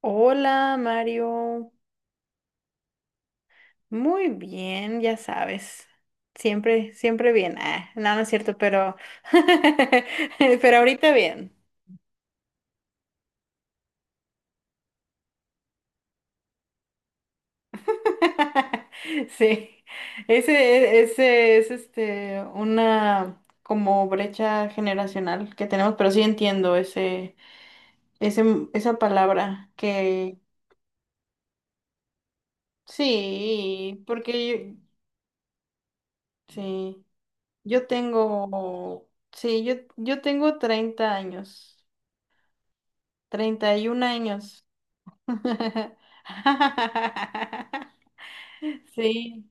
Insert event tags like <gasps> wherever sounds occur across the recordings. Hola, Mario. Muy bien, ya sabes. Siempre bien. Ah, no, no es cierto, pero, <laughs> pero ahorita bien. <laughs> Sí. Ese es una como brecha generacional que tenemos, pero sí entiendo ese, esa palabra que sí, porque yo, sí, yo tengo, sí, yo tengo 30 años. 31 años. <laughs> Sí,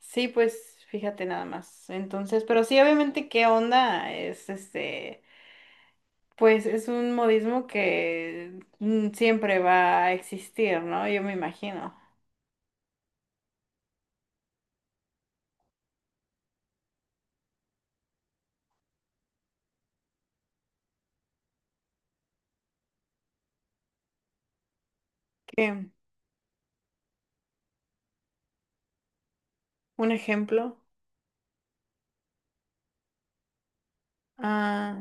sí, pues fíjate nada más. Entonces, pero sí, obviamente, ¿qué onda? Es pues es un modismo que siempre va a existir, ¿no? Yo me imagino. ¿Qué? ¿Un ejemplo? Ah,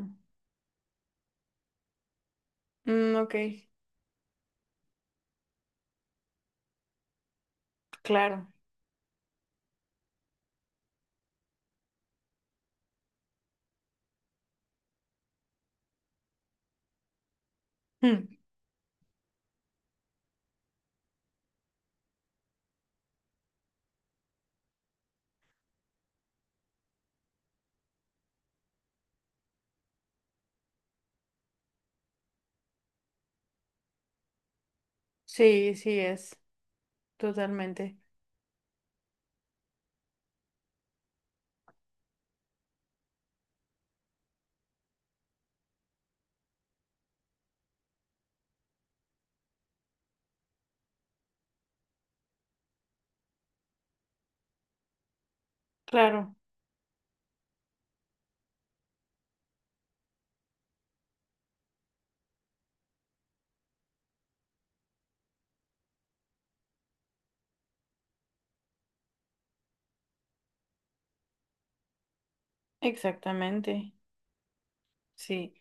ok, claro. Mm. Sí, sí es, totalmente. Claro, exactamente. Sí.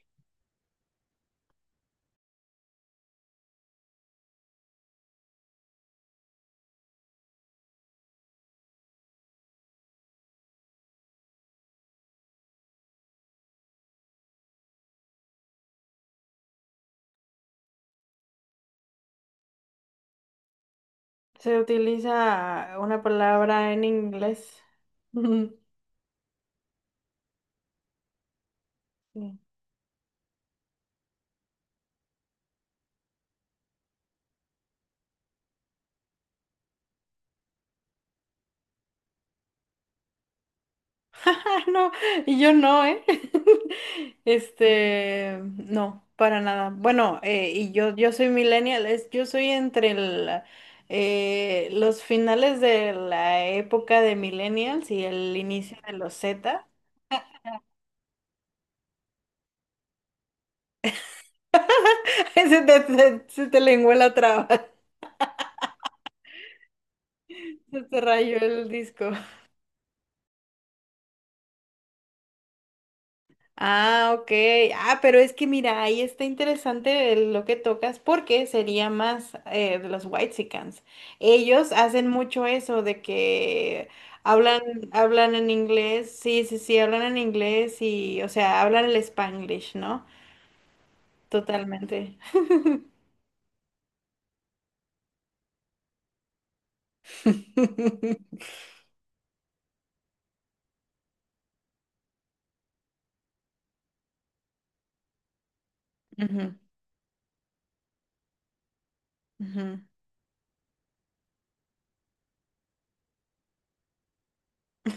Se utiliza una palabra en inglés. <laughs> Sí. <laughs> No, y yo no, ¿eh? <laughs> Este, no, para nada. Bueno, y yo soy millennial, yo soy entre los finales de la época de millennials y el inicio de los Z. <laughs> Se te lenguó la traba. <laughs> Se te rayó el disco. Ah, ok. Ah, pero es que mira, ahí está interesante lo que tocas porque sería más de los Whitexicans. Ellos hacen mucho eso de que hablan, hablan en inglés, sí, sí, sí, hablan en inglés y, o sea, hablan el Spanglish, ¿no? Totalmente. <laughs> Ujú, ujú.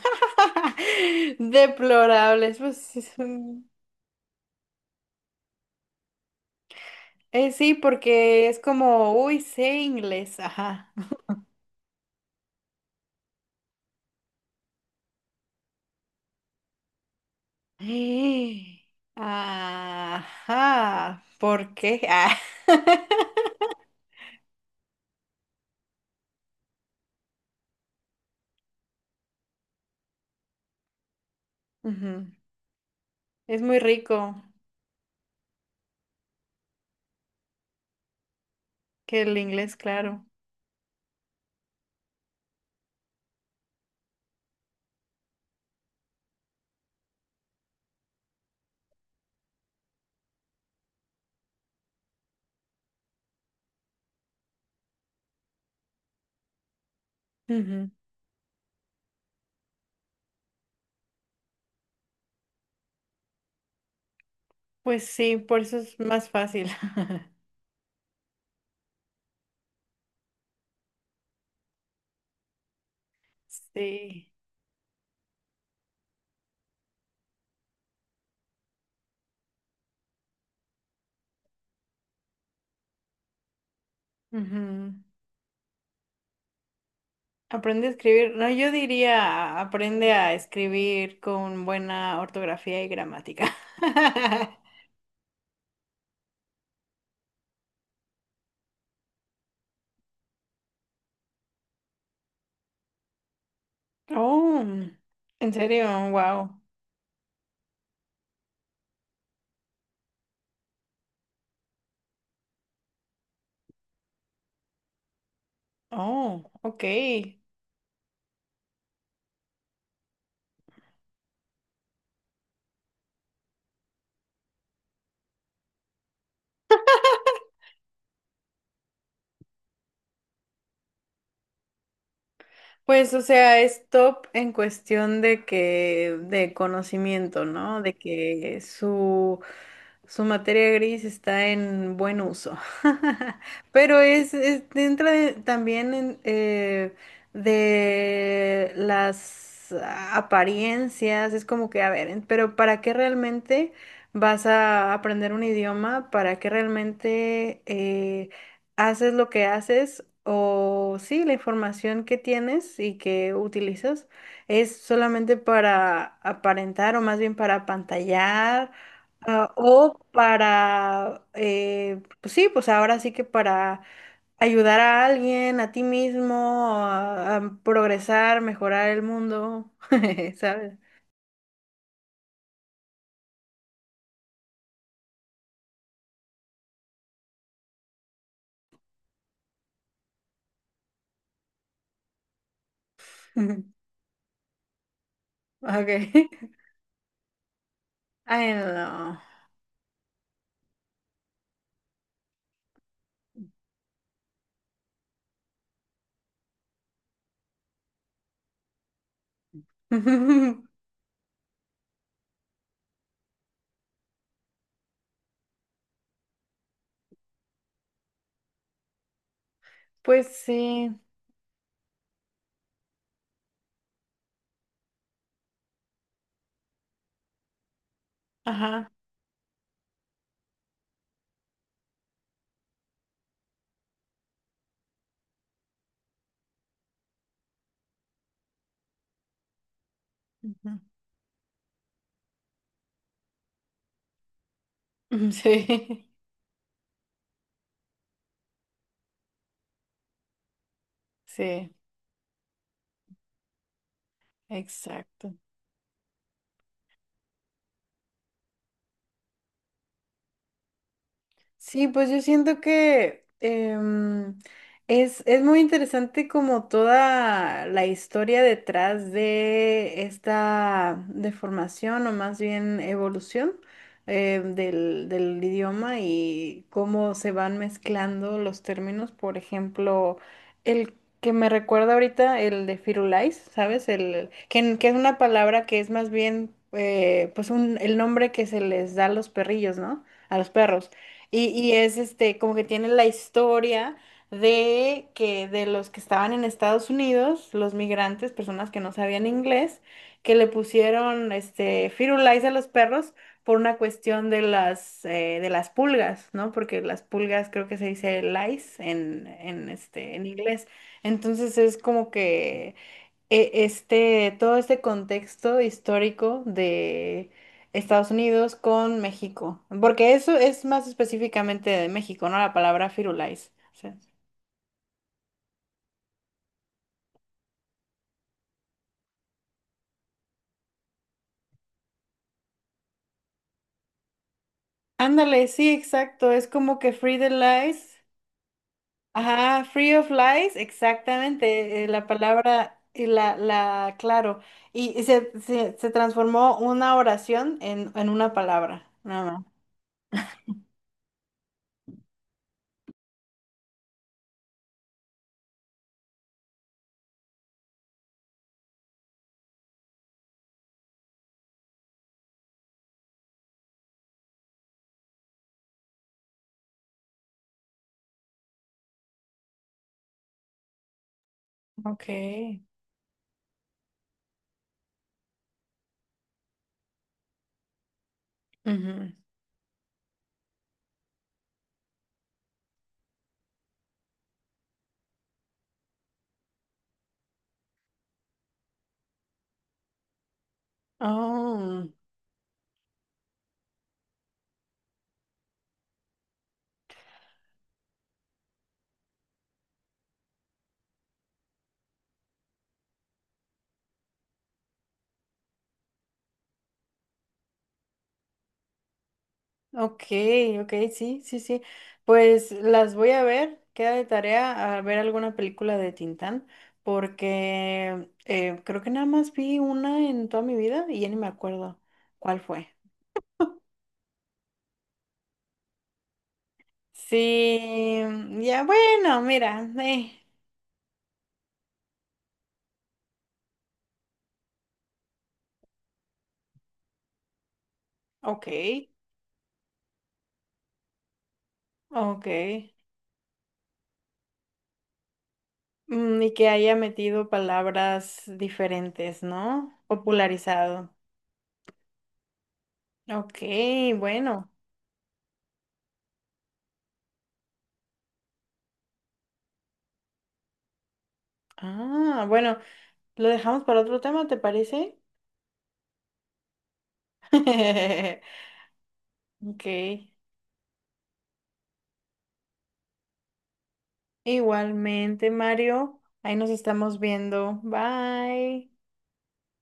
<laughs> Deplorables, sí, porque es como, uy, sé inglés, ajá. <gasps> Eh, ajá, ¿por qué? Ah. <laughs> Ujú. Es muy rico que el inglés, claro. Ujú. Pues sí, por eso es más fácil. <laughs> Sí. Ujú. Aprende a escribir. No, yo diría aprende a escribir con buena ortografía y gramática. <laughs> Oh, en serio, wow. Oh, ok. Pues, o sea, es top en cuestión de que, de conocimiento, ¿no? De que su materia gris está en buen uso. <laughs> Pero entra también en, de las apariencias, es como que, a ver, pero ¿para qué realmente vas a aprender un idioma? ¿Para qué realmente haces lo que haces o sí, la información que tienes y que utilizas es solamente para aparentar o más bien para apantallar ah, o para, pues sí, pues ahora sí que para ayudar a alguien, a ti mismo, a progresar, mejorar el mundo, <laughs> ¿sabes? <laughs> Ok. <laughs> Ay, no. <laughs> Pues sí, ajá. Ujú. <laughs> Sí, sí. Exacto. Sí, pues yo siento que es muy interesante como toda la historia detrás de esta deformación o más bien evolución del idioma y cómo se van mezclando los términos. Por ejemplo, el que me recuerda ahorita, el de Firulais, ¿sabes? Que es una palabra que es más bien pues el nombre que se les da a los perrillos, ¿no? A los perros. Y es este, como que tiene la historia de que de los que estaban en Estados Unidos, los migrantes, personas que no sabían inglés, que le pusieron este firulais a los perros por una cuestión de las pulgas, ¿no? Porque las pulgas creo que se dice lice en, en inglés. Entonces es como que todo este contexto histórico de Estados Unidos con México, porque eso es más específicamente de México, ¿no? La palabra firulais, o sea. Ándale, sí, exacto, es como que free the lies. Ajá, free of lies, exactamente, la palabra, claro, se transformó una oración en una palabra, nada más. Ok. Ujú. Oh. Ok, ok, sí, sí, sí. Pues las voy a ver, queda de tarea a ver alguna película de Tintán, porque creo que nada más vi una en toda mi vida y ya ni me acuerdo cuál fue. Sí, ya bueno, mira, ok, ok. Mm, y que haya metido palabras diferentes, ¿no? Popularizado. Ok, bueno. Ah, bueno, lo dejamos para otro tema, ¿te parece? <laughs> Ok. Igualmente, Mario. Ahí nos estamos viendo. Bye.